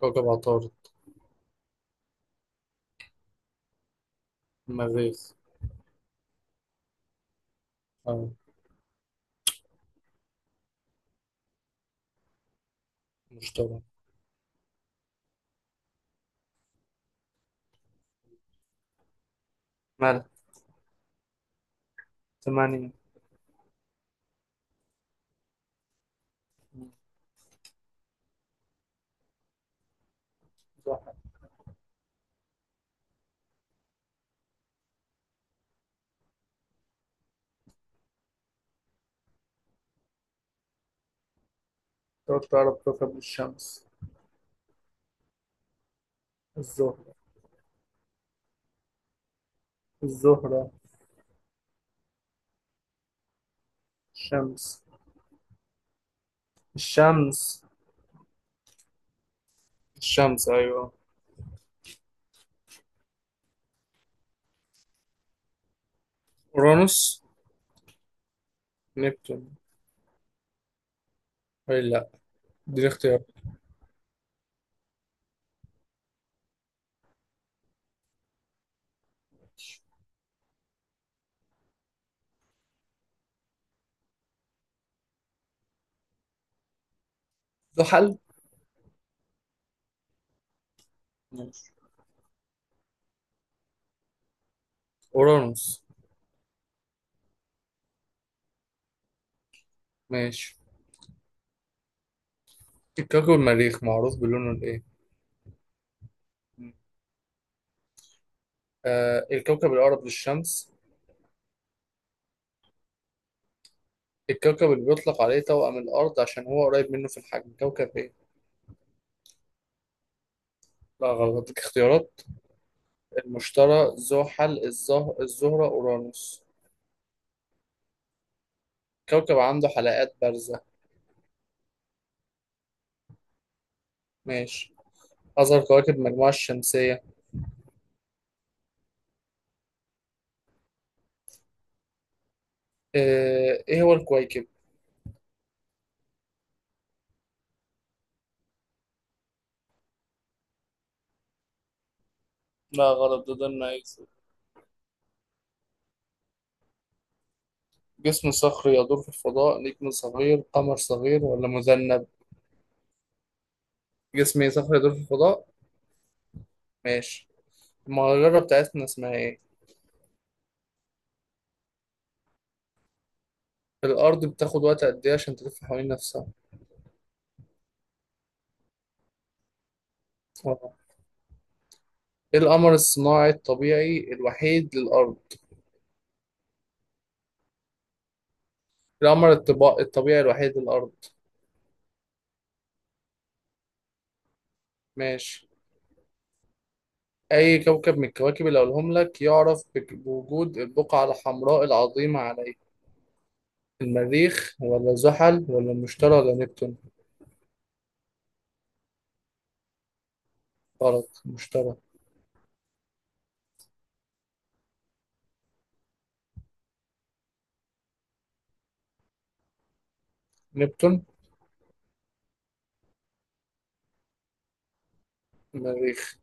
كوكب عطارد. المريخ. آه. المشتري. مال. 8. زحل. تلات أقرب كوكب للشمس. الزهرة. الزهرة. الشمس. الشمس. الشمس أيوة. أورانوس. نبتون. أي لأ. دي اختيار. زحل. ماشي. أورانوس. ماشي. الكوكب المريخ معروف بلونه الإيه؟ آه الكوكب الأقرب للشمس. الكوكب اللي بيطلق عليه توأم الأرض عشان هو قريب منه في الحجم كوكب إيه؟ لا غلط، اديك اختيارات. المشتري، زحل، الزهرة، أورانوس. كوكب عنده حلقات بارزة. ماشي. أصغر كواكب المجموعة الشمسية. آه، إيه هو الكويكب؟ لا غلط، ده النايس. جسم صخري يدور في الفضاء، نجم صغير، قمر صغير، ولا مذنب؟ جسم صخري يدور في الفضاء. ماشي. المجرة بتاعتنا اسمها إيه؟ الأرض بتاخد وقت قد إيه عشان تلف حوالين نفسها؟ آه. إيه القمر الصناعي الطبيعي الوحيد للأرض؟ القمر الطبيعي الوحيد للأرض. ماشي. أي كوكب من الكواكب اللي أقولهم لك يعرف بوجود البقعة الحمراء العظيمة عليه؟ المريخ ولا زحل ولا المشتري ولا نبتون؟ غلط، المشتري. نبتون. المريخ.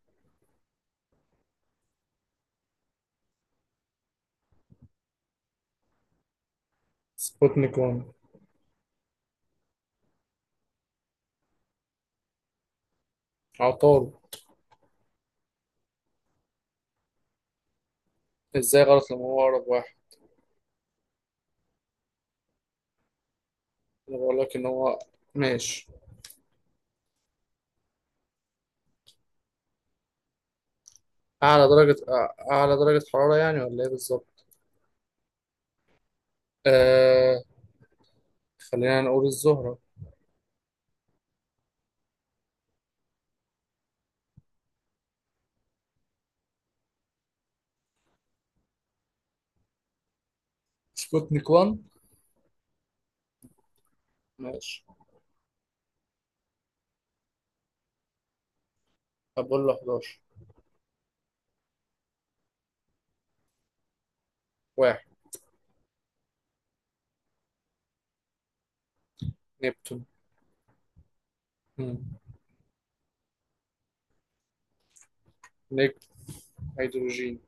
سبوتنيك 1. عطارد. إزاي غلط لما هو أقرب واحد؟ أنا بقول لك إن هو. ماشي. أعلى درجة أعلى درجة حرارة يعني، ولا إيه بالظبط؟ آه. خلينا نقول الزهرة. سبوتنيك 1. ماشي. أبولو 11. واحد. نبتون. مم. نجم. هيدروجين.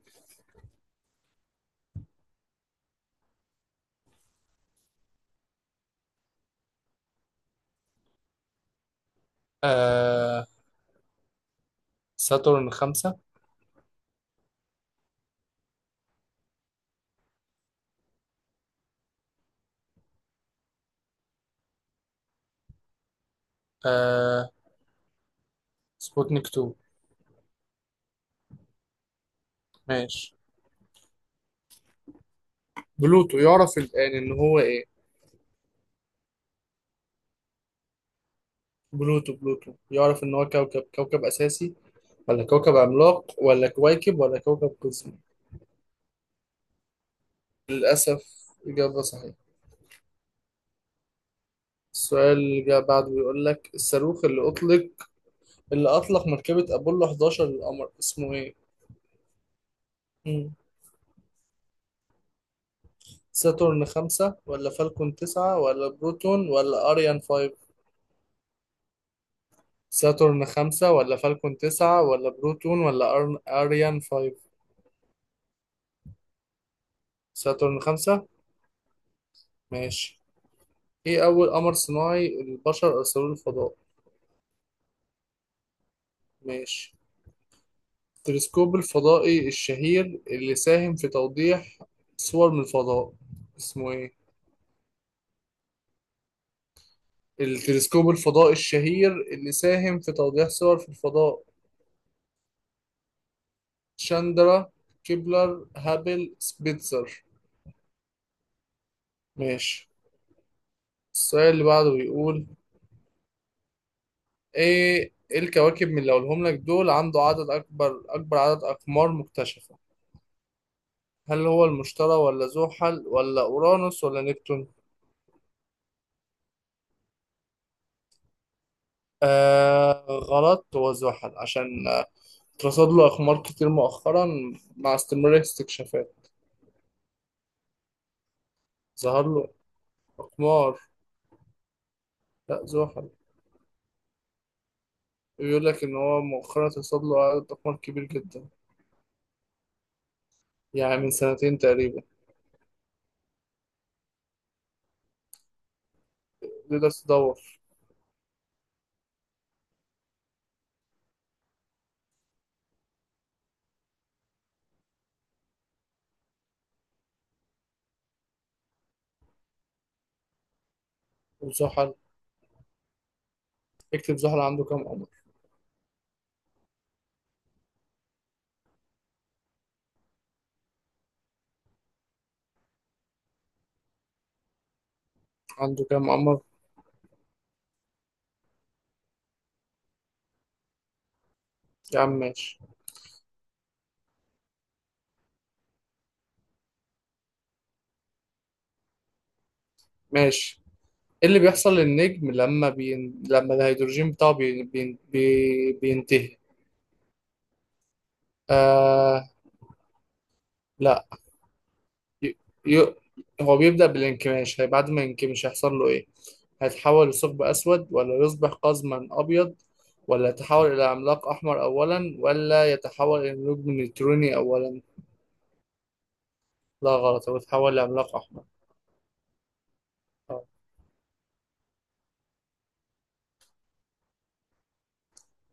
آه. ساتورن 5. آه سبوتنيك 2. ماشي. بلوتو يعرف الآن إن هو إيه؟ بلوتو يعرف إن هو كوكب أساسي، ولا كوكب عملاق، ولا كويكب، ولا كوكب قزمي؟ للأسف إجابة صحيحة. السؤال اللي جاء بعده بيقول لك الصاروخ اللي أطلق، اللي أطلق مركبة أبولو 11 للقمر اسمه إيه؟ مم. ساتورن 5 ولا فالكون 9 ولا بروتون، ولا أريان 5. ساتورن 5 ولا فالكون 9 ولا بروتون، أريان 5. ساترن 5. ماشي. ايه أول قمر صناعي البشر أرسلوه الفضاء؟ ماشي. التلسكوب الفضائي الشهير اللي ساهم في توضيح صور من الفضاء اسمه ايه؟ التلسكوب الفضائي الشهير اللي ساهم في توضيح صور في الفضاء. شاندرا، كيبلر، هابل، سبيتزر. ماشي. السؤال اللي بعده بيقول ايه، إيه الكواكب من اللي هقولهم لك دول عنده عدد أكبر عدد أقمار مكتشفة؟ هل هو المشتري، ولا زحل، ولا أورانوس، ولا نبتون؟ آه غلط، هو زحل عشان اترصد له أقمار كتير مؤخرا مع استمرار الاستكشافات. ظهر له أقمار. لا زحل. بيقول لك إن هو مؤخرا اترصد له عدد أقمار كبير جدا. يعني من سنتين تقريبا. تقدر تدور. وزحل. اكتب زحل عنده كام قمر. عنده كام قمر. يا عم ماشي. ماشي. ايه اللي بيحصل للنجم لما لما الهيدروجين بتاعه بينتهي؟ آه. لا. ي... ي... هو بيبدأ بالانكماش، هي بعد ما ينكمش هيحصل له ايه؟ هيتحول لثقب اسود، ولا يصبح قزما ابيض، ولا يتحول الى عملاق احمر اولا، ولا يتحول الى نجم نيوتروني اولا؟ لا غلط، هو يتحول لعملاق احمر. آه،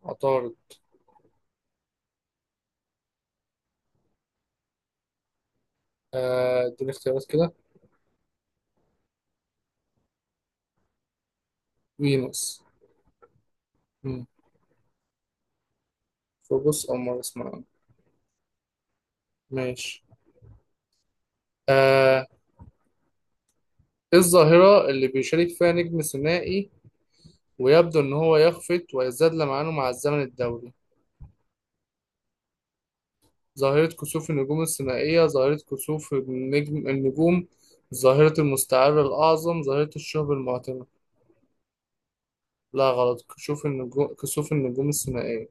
عطارد. آه، اديني اختيارات كده. فينوس. مم. فوبوس او مارس معانا. ماشي. آه، ايه الظاهرة اللي بيشارك فيها نجم ثنائي ويبدو ان هو يخفت ويزداد لمعانه مع الزمن الدوري؟ ظاهرة كسوف النجوم الثنائية، ظاهرة كسوف النجوم، ظاهرة المستعر الأعظم، ظاهرة الشهب المعتمة. لا غلط، كسوف النجوم الثنائية.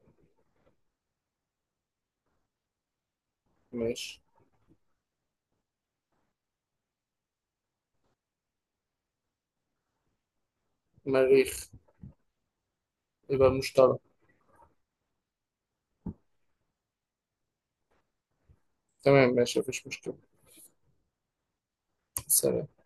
ماشي. مريخ. يبقى المشتري. تمام ماشي مفيش مشكلة. سلام.